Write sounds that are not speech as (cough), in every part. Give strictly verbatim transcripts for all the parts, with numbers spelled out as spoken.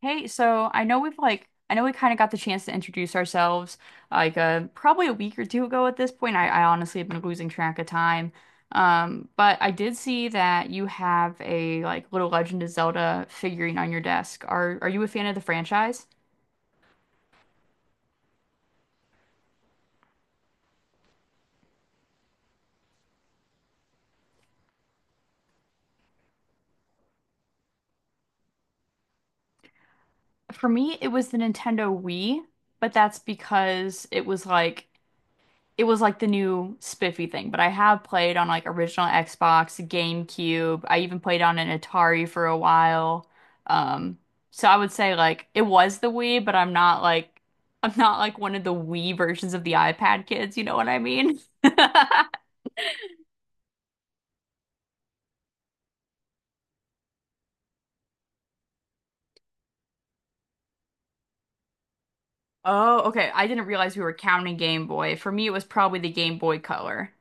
Hey, so I know we've like I know we kind of got the chance to introduce ourselves like uh probably a week or two ago at this point. I, I honestly have been losing track of time. Um, but I did see that you have a like little Legend of Zelda figurine on your desk. Are are you a fan of the franchise? For me, it was the Nintendo Wii, but that's because it was like it was like the new spiffy thing, but I have played on like original Xbox, GameCube. I even played on an Atari for a while. Um, so I would say like it was the Wii, but I'm not like (laughs) I'm not like one of the Wii versions of the iPad kids, you know what I mean? (laughs) Oh, okay. I didn't realize we were counting Game Boy. For me, it was probably the Game Boy Color.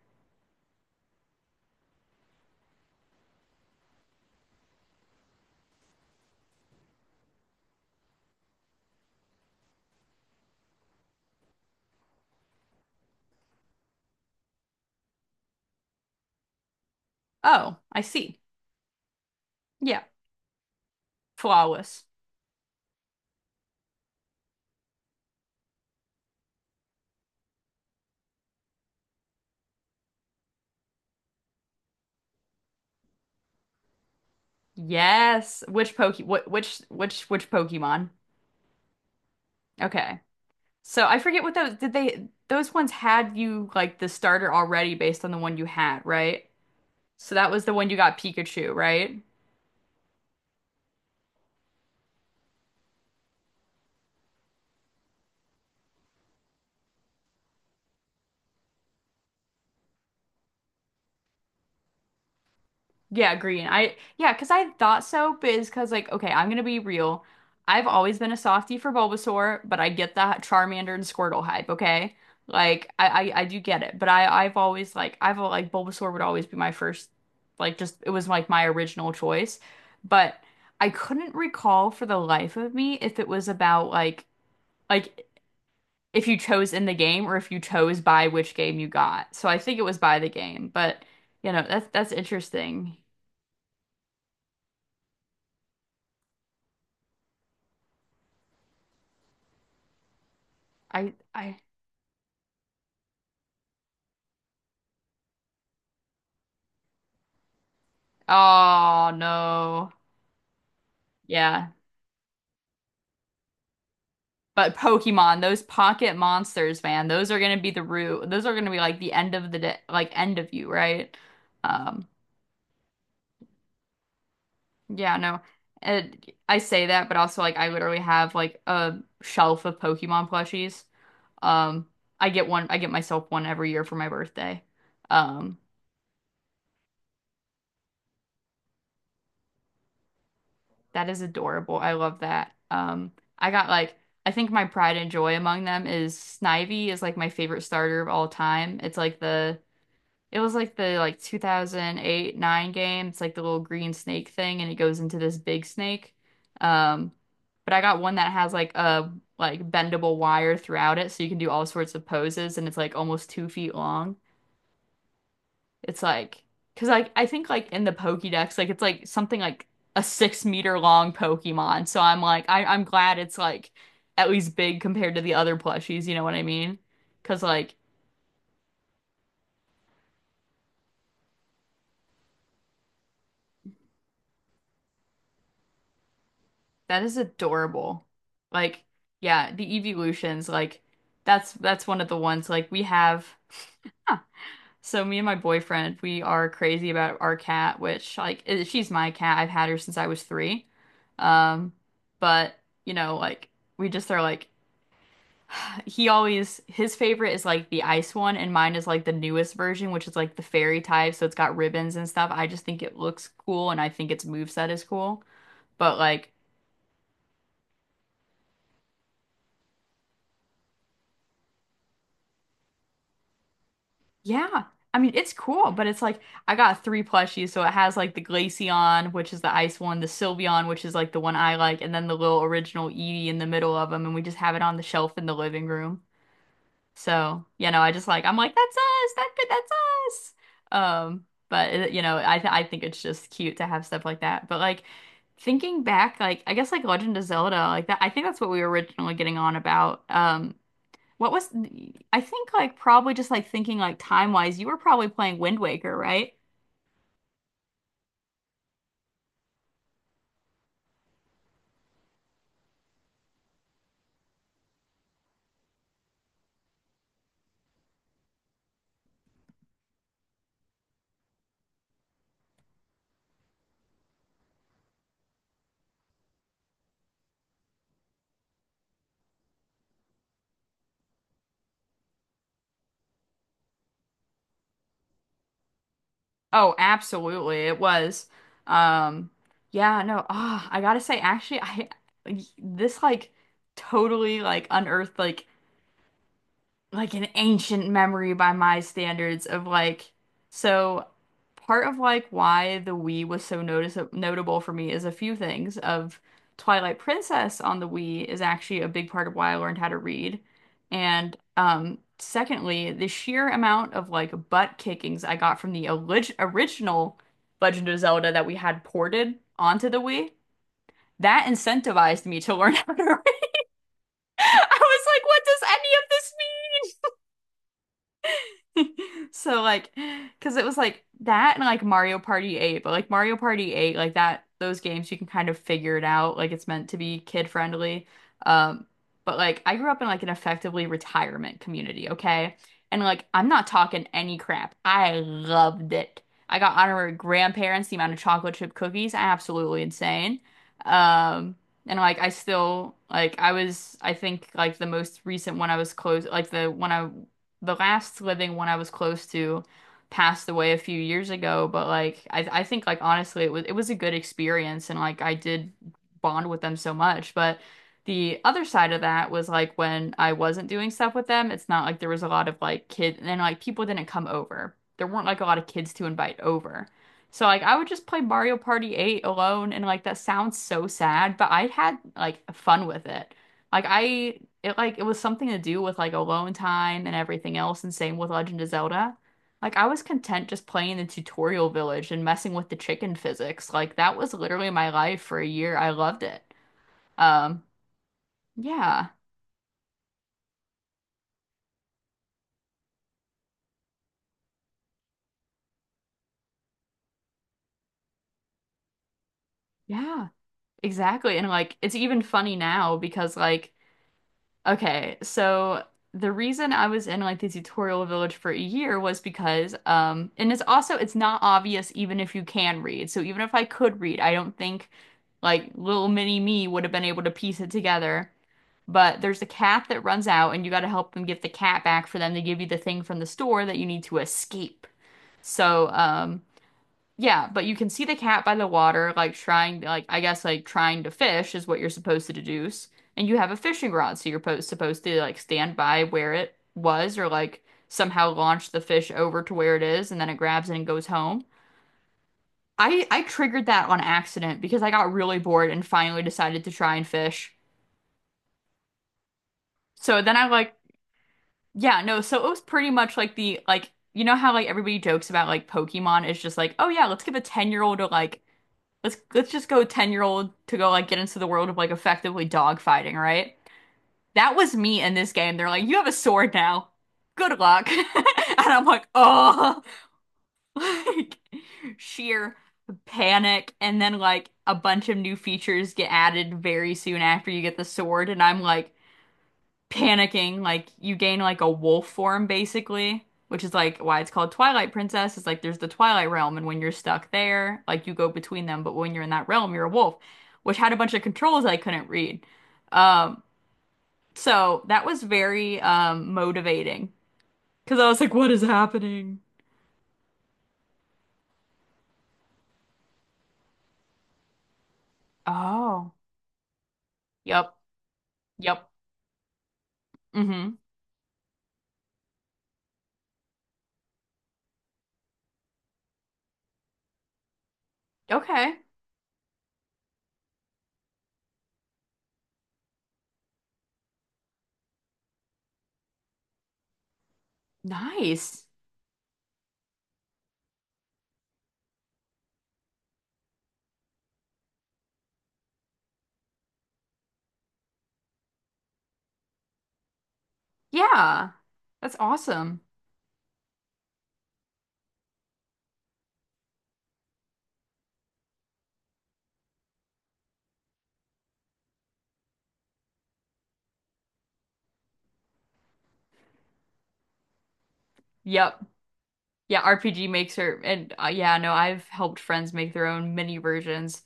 Oh, I see. Yeah, flawless. Yes. Which Poke? What? Which? Which? Which Pokemon? Okay. So I forget what those did they those ones had you like the starter already based on the one you had, right? So that was the one you got Pikachu, right? Yeah, green. I yeah because I thought so, but it's because like okay, I'm gonna be real. I've always been a softie for Bulbasaur, but I get the Charmander and Squirtle hype, okay? Like I I, I do get it, but I I've always like I've al- like Bulbasaur would always be my first like just it was like my original choice, but I couldn't recall for the life of me if it was about like like if you chose in the game or if you chose by which game you got. So I think it was by the game, but you know, that's that's interesting. I I Oh no. Yeah. But Pokemon, those pocket monsters, man, those are gonna be the root. Those are gonna be like the end of the day, like end of you, right? Um, yeah, no. It, I say that, but also like I literally have like a shelf of Pokemon plushies. Um, I get one, I get myself one every year for my birthday. Um, That is adorable. I love that. Um, I got like I think my pride and joy among them is Snivy is like my favorite starter of all time. It's like the it was like the like two thousand eight nine game. It's like the little green snake thing and it goes into this big snake. Um, but I got one that has like a like bendable wire throughout it so you can do all sorts of poses and it's like almost two feet long. It's like, because like I think like in the Pokédex, like it's like something like a six meter long Pokemon. So I'm like, I I'm glad it's like at least big compared to the other plushies. You know what I mean? Because like that is adorable. Like yeah, the evolutions like that's that's one of the ones like we have. So me and my boyfriend, we are crazy about our cat, which like i- she's my cat. I've had her since I was three. Um, but you know, like we just are like he always his favorite is like the ice one, and mine is like the newest version, which is like the fairy type, so it's got ribbons and stuff. I just think it looks cool, and I think its moveset is cool. But like, yeah, I mean, it's cool, but it's like I got three plushies, so it has like the Glaceon, which is the ice one, the Sylveon, which is like the one I like, and then the little original Eevee in the middle of them, and we just have it on the shelf in the living room. So, you know, I just like I'm like that's us. That could that's us. Um, but it- you know, I th I think it's just cute to have stuff like that. But like thinking back, like I guess like Legend of Zelda, like that I think that's what we were originally getting on about. Um, what was I think like probably just like thinking like time-wise, you were probably playing Wind Waker, right? Oh, absolutely. It was. Um, yeah, no. Ah, I gotta say actually I this like totally like unearthed like like an ancient memory by my standards of like so part of like why the Wii was so notice notable for me is a few things of Twilight Princess on the Wii is actually a big part of why I learned how to read. And um secondly, the sheer amount of like butt kickings I got from the olig- original Legend of Zelda that we had ported onto the Wii, that incentivized me to learn how to read. (laughs) I was like, what does any of this mean? (laughs) So like, because it was like that and like Mario Party eight, but like Mario Party eight, like that those games you can kind of figure it out. Like it's meant to be kid friendly. Um, but like I grew up in like an effectively retirement community, okay? And like I'm not talking any crap. I loved it. I got honorary grandparents, the amount of chocolate chip cookies, absolutely insane. Um, and like I still like I was I think like the most recent one I was close like the one I the last living one I was close to passed away a few years ago, but like I I think like honestly it was it was a good experience and like I did bond with them so much. But the other side of that was like when I wasn't doing stuff with them, it's not like there was a lot of like kids and like people didn't come over. There weren't like a lot of kids to invite over. So like I would just play Mario Party eight alone and like that sounds so sad, but I had like fun with it. Like I it like it was something to do with like alone time and everything else and same with Legend of Zelda. Like I was content just playing the tutorial village and messing with the chicken physics. Like that was literally my life for a year. I loved it. Um yeah. Yeah. Exactly. And like it's even funny now because like okay, so the reason I was in like the tutorial village for a year was because um and it's also it's not obvious even if you can read. So even if I could read, I don't think like little mini me would have been able to piece it together. But there's a cat that runs out and you got to help them get the cat back for them to give you the thing from the store that you need to escape. So um yeah, but you can see the cat by the water, like trying, like I guess, like trying to fish is what you're supposed to deduce. And you have a fishing rod, so you're po supposed to like stand by where it was, or like somehow launch the fish over to where it is, and then it grabs it and goes home. I I triggered that on accident because I got really bored and finally decided to try and fish. So then I like, yeah, no, so it was pretty much like the like you know how like everybody jokes about like Pokemon is just like, oh yeah, let's give a ten-year-old a like let's let's just go ten year old to go like get into the world of like effectively dog fighting, right? That was me in this game. They're like, you have a sword now. Good luck. (laughs) And I'm like, oh, (laughs) like sheer panic. And then like a bunch of new features get added very soon after you get the sword. And I'm like, panicking. Like you gain like a wolf form basically, which is like why it's called Twilight Princess. It's like there's the Twilight Realm, and when you're stuck there, like you go between them, but when you're in that realm, you're a wolf, which had a bunch of controls I couldn't read. Um, so that was very um motivating because I was like, what is happening? Oh, yep, yep. Mm-hmm. Okay. Nice. Yeah. That's awesome. Yep. Yeah, R P G Maker, and uh, yeah, no, I've helped friends make their own mini versions.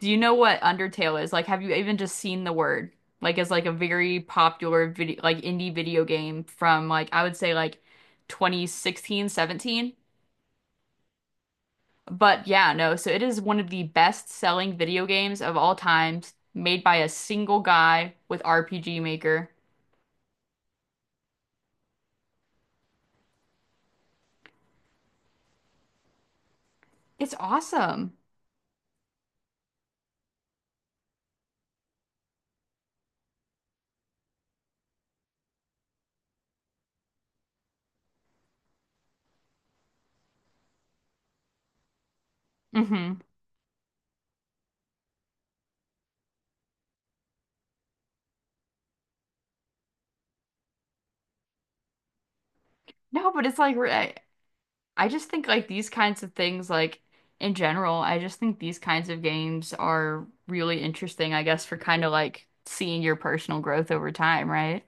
Do you know what Undertale is? Like, have you even just seen the word? Like, it's like a very popular video, like indie video game from like I would say like twenty sixteen, seventeen. But yeah, no, so it is one of the best-selling video games of all times, made by a single guy with R P G Maker. It's awesome. Hmm. No, but it's like I just think like these kinds of things, like in general, I just think these kinds of games are really interesting, I guess, for kind of like seeing your personal growth over time, right?